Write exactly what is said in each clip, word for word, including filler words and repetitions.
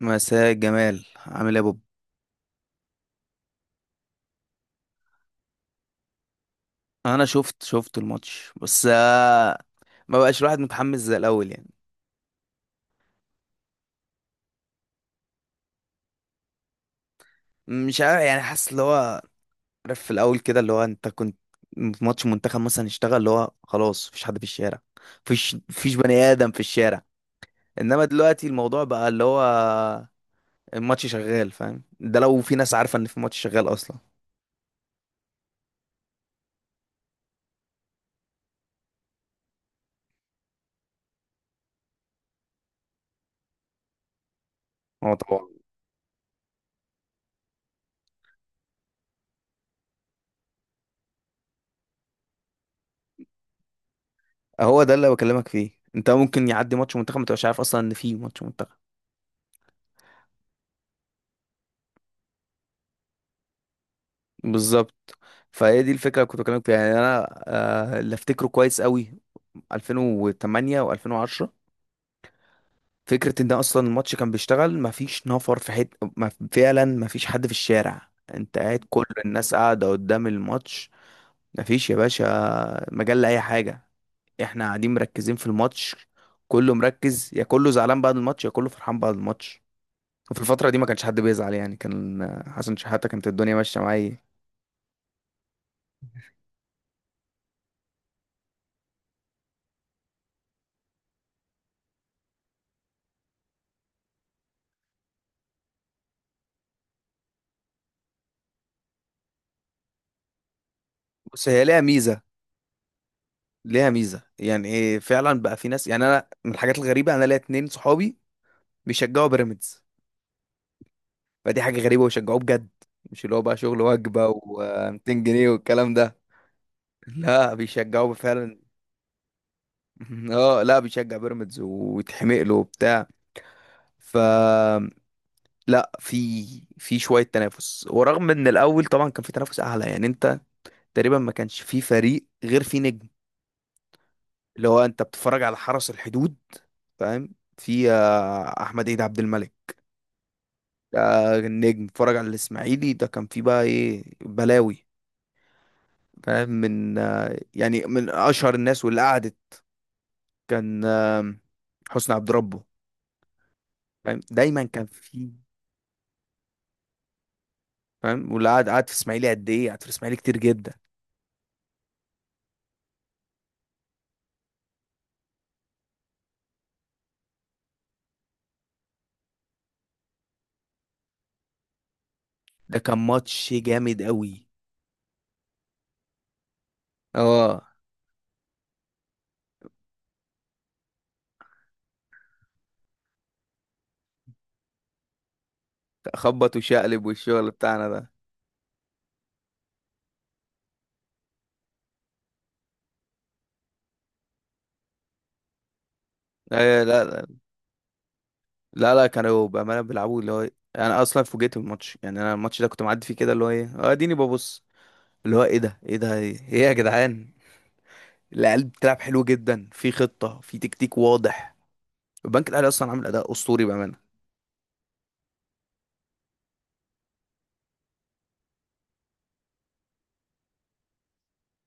مساء الجمال. عامل ايه يا بوب؟ انا شفت شفت الماتش بس آه، ما بقاش الواحد متحمس زي الاول. يعني مش عارف، يعني حاسس اللي هو، عارف في الاول كده اللي هو انت كنت في ماتش منتخب مثلا اشتغل، اللي هو خلاص مفيش حد في الشارع، مفيش مفيش بني ادم في الشارع. انما دلوقتي الموضوع بقى اللي هو الماتش شغال، فاهم؟ ده لو في ناس عارفه ان في ماتش شغال اصلا. هو طبعا. هو ده اللي بكلمك فيه، انت ممكن يعدي ماتش منتخب ما تبقاش عارف اصلا ان في ماتش. بالظبط. فهي دي الفكره اللي كنت بكلمك فيها، يعني انا آه، اللي افتكره كويس قوي ألفين وثمانية و2010. فكره ان اصلا الماتش كان بيشتغل مفيش نفر في حته، مف... فعلا مفيش حد في الشارع، انت قاعد كل الناس قاعده قدام الماتش. مفيش يا باشا مجال لاي حاجه، احنا قاعدين مركزين في الماتش، كله مركز، يا كله زعلان بعد الماتش يا كله فرحان بعد الماتش. وفي الفتره دي ما كانش حد بيزعل، يعني كان حسن شحاته، كانت الدنيا ماشيه معايا. بص، هي ليها ميزه، ليها ميزه، يعني إيه فعلا بقى في ناس، يعني انا من الحاجات الغريبه انا ليا اتنين صحابي بيشجعوا بيراميدز. فدي حاجه غريبه، ويشجعوه بجد، مش اللي هو بقى شغل وجبه وميتين جنيه والكلام ده. لا بيشجعوه فعلا. اه، لا بيشجع بيراميدز ويتحمق له وبتاع. ف، لا في، في شويه تنافس. ورغم ان الاول طبعا كان في تنافس اعلى، يعني انت تقريبا ما كانش في فريق غير في نجم، اللي هو انت بتتفرج على حرس الحدود، فاهم؟ في آه، احمد عيد عبد الملك، ده النجم. اتفرج على الاسماعيلي، ده كان فيه بقى ايه بلاوي، فاهم؟ من آه، يعني من اشهر الناس واللي قعدت، كان آه، حسني عبد ربه، فاهم؟ دايما كان فيه. فاهم؟ واللي قعد قعد في الاسماعيلي قد ايه، قعد في الاسماعيلي كتير جدا. ده كان ماتش جامد قوي. اه، خبط وشقلب والشغل بتاعنا ده. آه، لا لا، لا لا، كانوا بأمانة بيلعبوا اللي هو، انا اصلا فوجئت بالماتش. يعني انا الماتش ده كنت معدي فيه كده، اللي هو ايه، اه اديني ببص، اللي هو ايه ده، ايه ده، ايه يا جدعان؟ العيال بتلعب حلو جدا، في خطة، في تكتيك واضح. البنك الأهلي أصلا عامل أداء أسطوري بأمانة.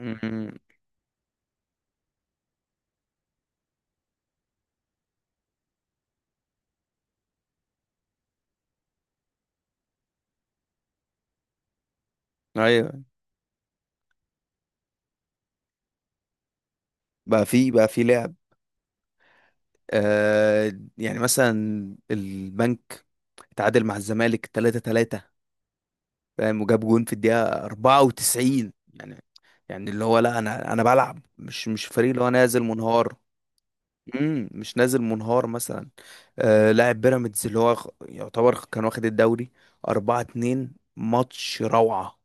أمم. أيوه، بقى في، بقى في لعب. آه، يعني مثلا البنك اتعادل مع الزمالك تلاتة تلاتة، فاهم؟ وجاب جون في الدقيقة أربعة وتسعين. يعني يعني اللي هو لا، أنا أنا بلعب، مش مش فريق اللي هو نازل منهار. امم، مش نازل منهار مثلا. آه، لاعب بيراميدز اللي هو خ- يعتبر كان واخد الدوري أربعة اتنين، ماتش روعة.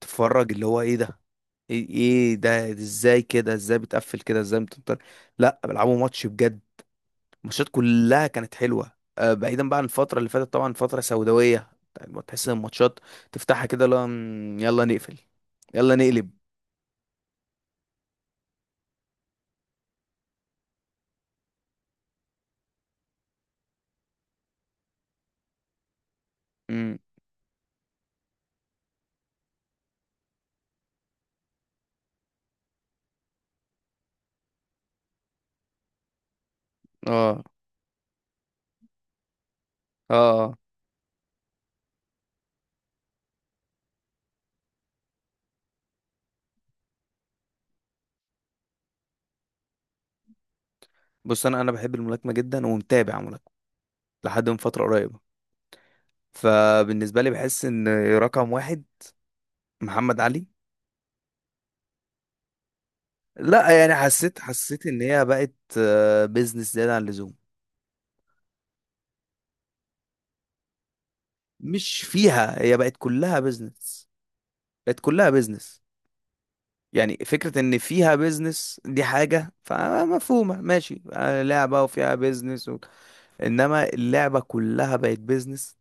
تتفرج اللي هو ايه ده، ايه، إيه ده، ازاي كده، ازاي بتقفل كده، ازاي بتنطر؟ لا بيلعبوا ماتش بجد. الماتشات كلها كانت حلوه، آه، بعيدا بقى عن الفتره اللي فاتت طبعا، فتره سوداويه. يعني تحس ان الماتشات تفتحها كده، لا مم، يلا نقفل، يلا نقلب. امم. اه. اه. آه. بص، انا انا بحب الملاكمه جدا ومتابع ملاكمه لحد من فتره قريبه. فبالنسبه لي بحس ان رقم واحد محمد علي. لا يعني حسيت، حسيت ان هي بقت بيزنس زياده عن اللزوم. مش فيها، هي بقت كلها بيزنس، بقت كلها بيزنس. يعني فكرة ان فيها بيزنس دي حاجة فمفهومة، ماشي، آه، لعبة وفيها بيزنس و... انما اللعبة كلها بقت بيزنس.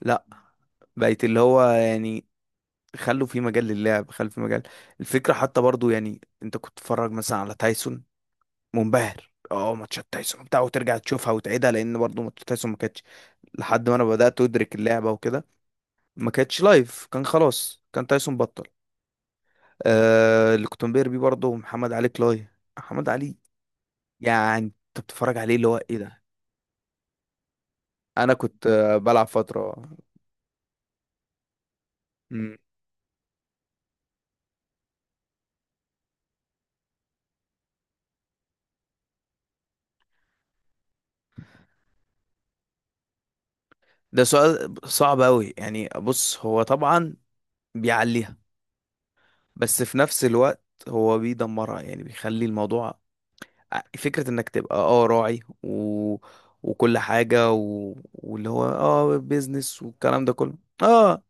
لا، بقت اللي هو يعني خلوا في مجال للعب، خلوا في مجال. الفكرة حتى برضو، يعني انت كنت تتفرج مثلا على تايسون منبهر. اه، ماتشات تايسون بتاع وترجع تشوفها وتعيدها، لان برضو ماتشات تايسون ما كانتش، لحد ما انا بدأت ادرك اللعبة وكده، ما كانتش لايف، كان خلاص، كان تايسون بطل. آه، اللي كنت بنبهر بيه برضه محمد علي كلاي. محمد علي، يعني انت بتتفرج عليه اللي هو ايه ده. انا كنت آه، بلعب فتره. مم. ده سؤال صعب قوي. يعني بص، هو طبعا بيعليها، بس في نفس الوقت هو بيدمرها. يعني بيخلي الموضوع، ع- فكره انك تبقى اه راعي و... وكل حاجه و... واللي هو اه بيزنس والكلام ده كله، اه،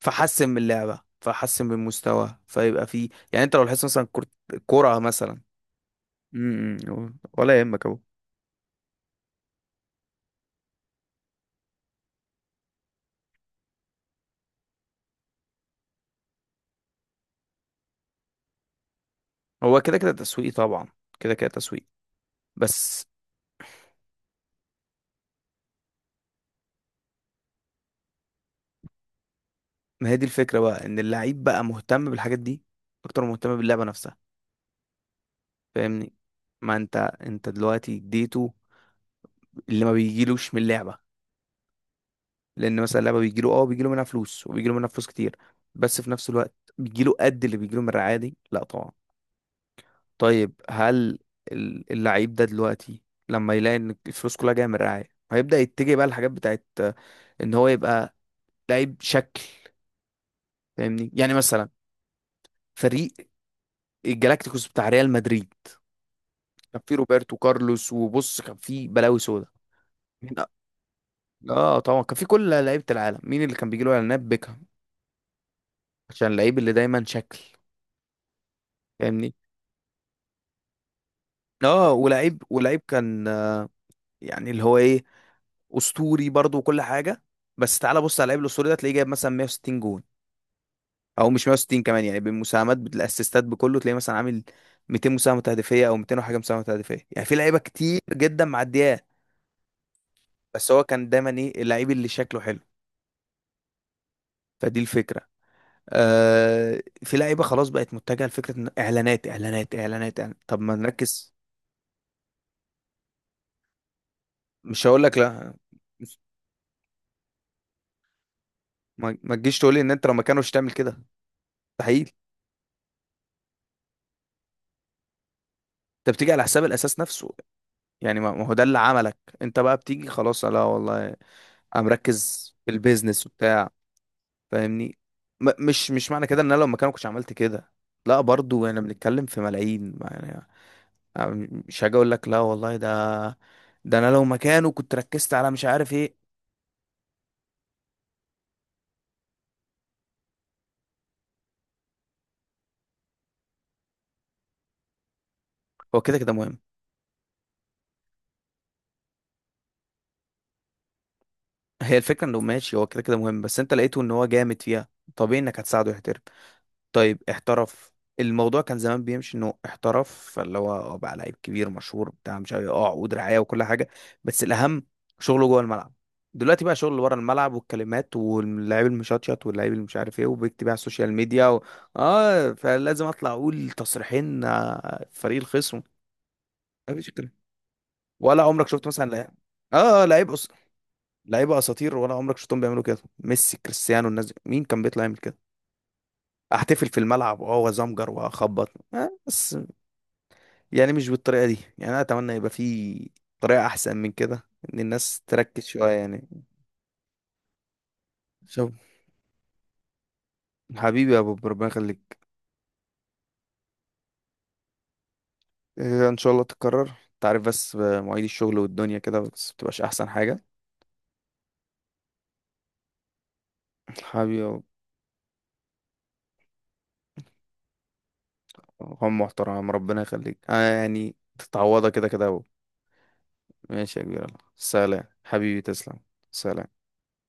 فحسن من اللعبه، فحسن من مستواه، فيبقى فيه. يعني انت لو لاحظت مثلا كرة، كرة مثلا. امم. ولا يهمك اهو. هو كده كده تسويق طبعا، كده كده تسويق. بس ما هي دي الفكرة بقى، ان اللعيب بقى مهتم بالحاجات دي اكتر ما مهتم باللعبة نفسها. فاهمني؟ ما انت انت دلوقتي اديته اللي ما بيجيلوش من اللعبة. لان مثلا اللعبة بيجيله اه، بيجيله منها فلوس وبيجيله منها فلوس كتير، بس في نفس الوقت بيجيله قد اللي بيجيله من الرعاية دي؟ لا طبعا. طيب، هل ال- اللعيب ده دلوقتي لما يلاقي ان الفلوس كلها جاية من الرعاية هيبدأ يتجه بقى الحاجات بتاعت آه، ان هو يبقى لعيب شكل. فاهمني؟ يعني مثلا فريق الجالاكتيكوس بتاع ريال مدريد، كان فيه روبرتو كارلوس، وبص كان فيه بلاوي سودا. مين أ- اه طبعا كان فيه كل لعيبه العالم. مين اللي كان بيجي له اعلانات؟ بيكهام، عشان اللعيب اللي دايما شكل. فاهمني؟ اه، ولعيب، ولعيب كان آه، يعني اللي هو ايه، اسطوري برضو وكل حاجه. بس تعالى بص على اللعيب الاسطوري ده، تلاقيه جايب مثلا مية وستين جون، او مش مية وستين كمان، يعني بالمساهمات بالاسيستات بكله، تلاقيه مثلا عامل ميتين مساهمه هدفيه، او ميتين وحاجه مساهمه هدفيه. يعني في لعيبه كتير جدا معديه، بس هو كان دايما ايه؟ اللعيب اللي شكله حلو. فدي الفكره. آه، في لعيبه خلاص بقت متجهه لفكره إن اعلانات، اعلانات، اعلانات، إعلان. طب ما نركز. مش هقول لك لا، ما ما تجيش تقول لي ان انت لو مكانوش تعمل كده. مستحيل. انت بتيجي على حساب الاساس نفسه، يعني ما ما هو ده اللي عملك، انت بقى بتيجي خلاص، لا والله انا مركز في البيزنس وبتاع. فاهمني؟ م مش مش معنى كده ان انا لو مكانك كنتش عملت كده، لا، برضو احنا بنتكلم في ملايين يعني. أنا مش هاجي اقول لك لا والله ده، ده انا لو مكانه كنت ركزت على مش عارف ايه. هو كده كده مهم. هي الفكره انه ماشي، هو كده كده مهم، بس انت لقيته ان هو جامد فيها، طبيعي انك هتساعده يحترف. طيب احترف. الموضوع كان زمان بيمشي انه احترف، فاللي هو آه، بقى لعيب كبير مشهور بتاع مش عارف إيه، اه عقود رعايه وكل حاجه، بس الاهم شغله جوه الملعب. دلوقتي بقى شغل ورا الملعب، والكلمات، واللاعب المشطشط، واللاعب اللي مش عارف ايه، وبيكتب على السوشيال ميديا و... اه، فلازم اطلع اقول تصريحين آه، فريق الخصم. مفيش الكلام. ولا عمرك شفت مثلا لعيب، اه آه، لعيب أس... لعيبه اساطير، ولا عمرك شفتهم بيعملوا كده؟ ميسي، كريستيانو، الناس دي مين كان بيطلع يعمل كده؟ احتفل في الملعب واه وازمجر واخبط، آه، بس يعني مش بالطريقه دي. يعني انا اتمنى يبقى في طريقه احسن من كده، ان الناس تركز شويه يعني. شوف حبيبي يا بوب، ربنا يخليك. آه، ان شاء الله تتكرر. تعرف بس آه، مواعيد الشغل والدنيا كده، بس بتبقاش احسن حاجه. حبيبي يا بوب. هم محترم، ربنا يخليك. آه يعني تتعوضها كده كده. ماشي يا كبير. سلام حبيبي، تسلم. سلام.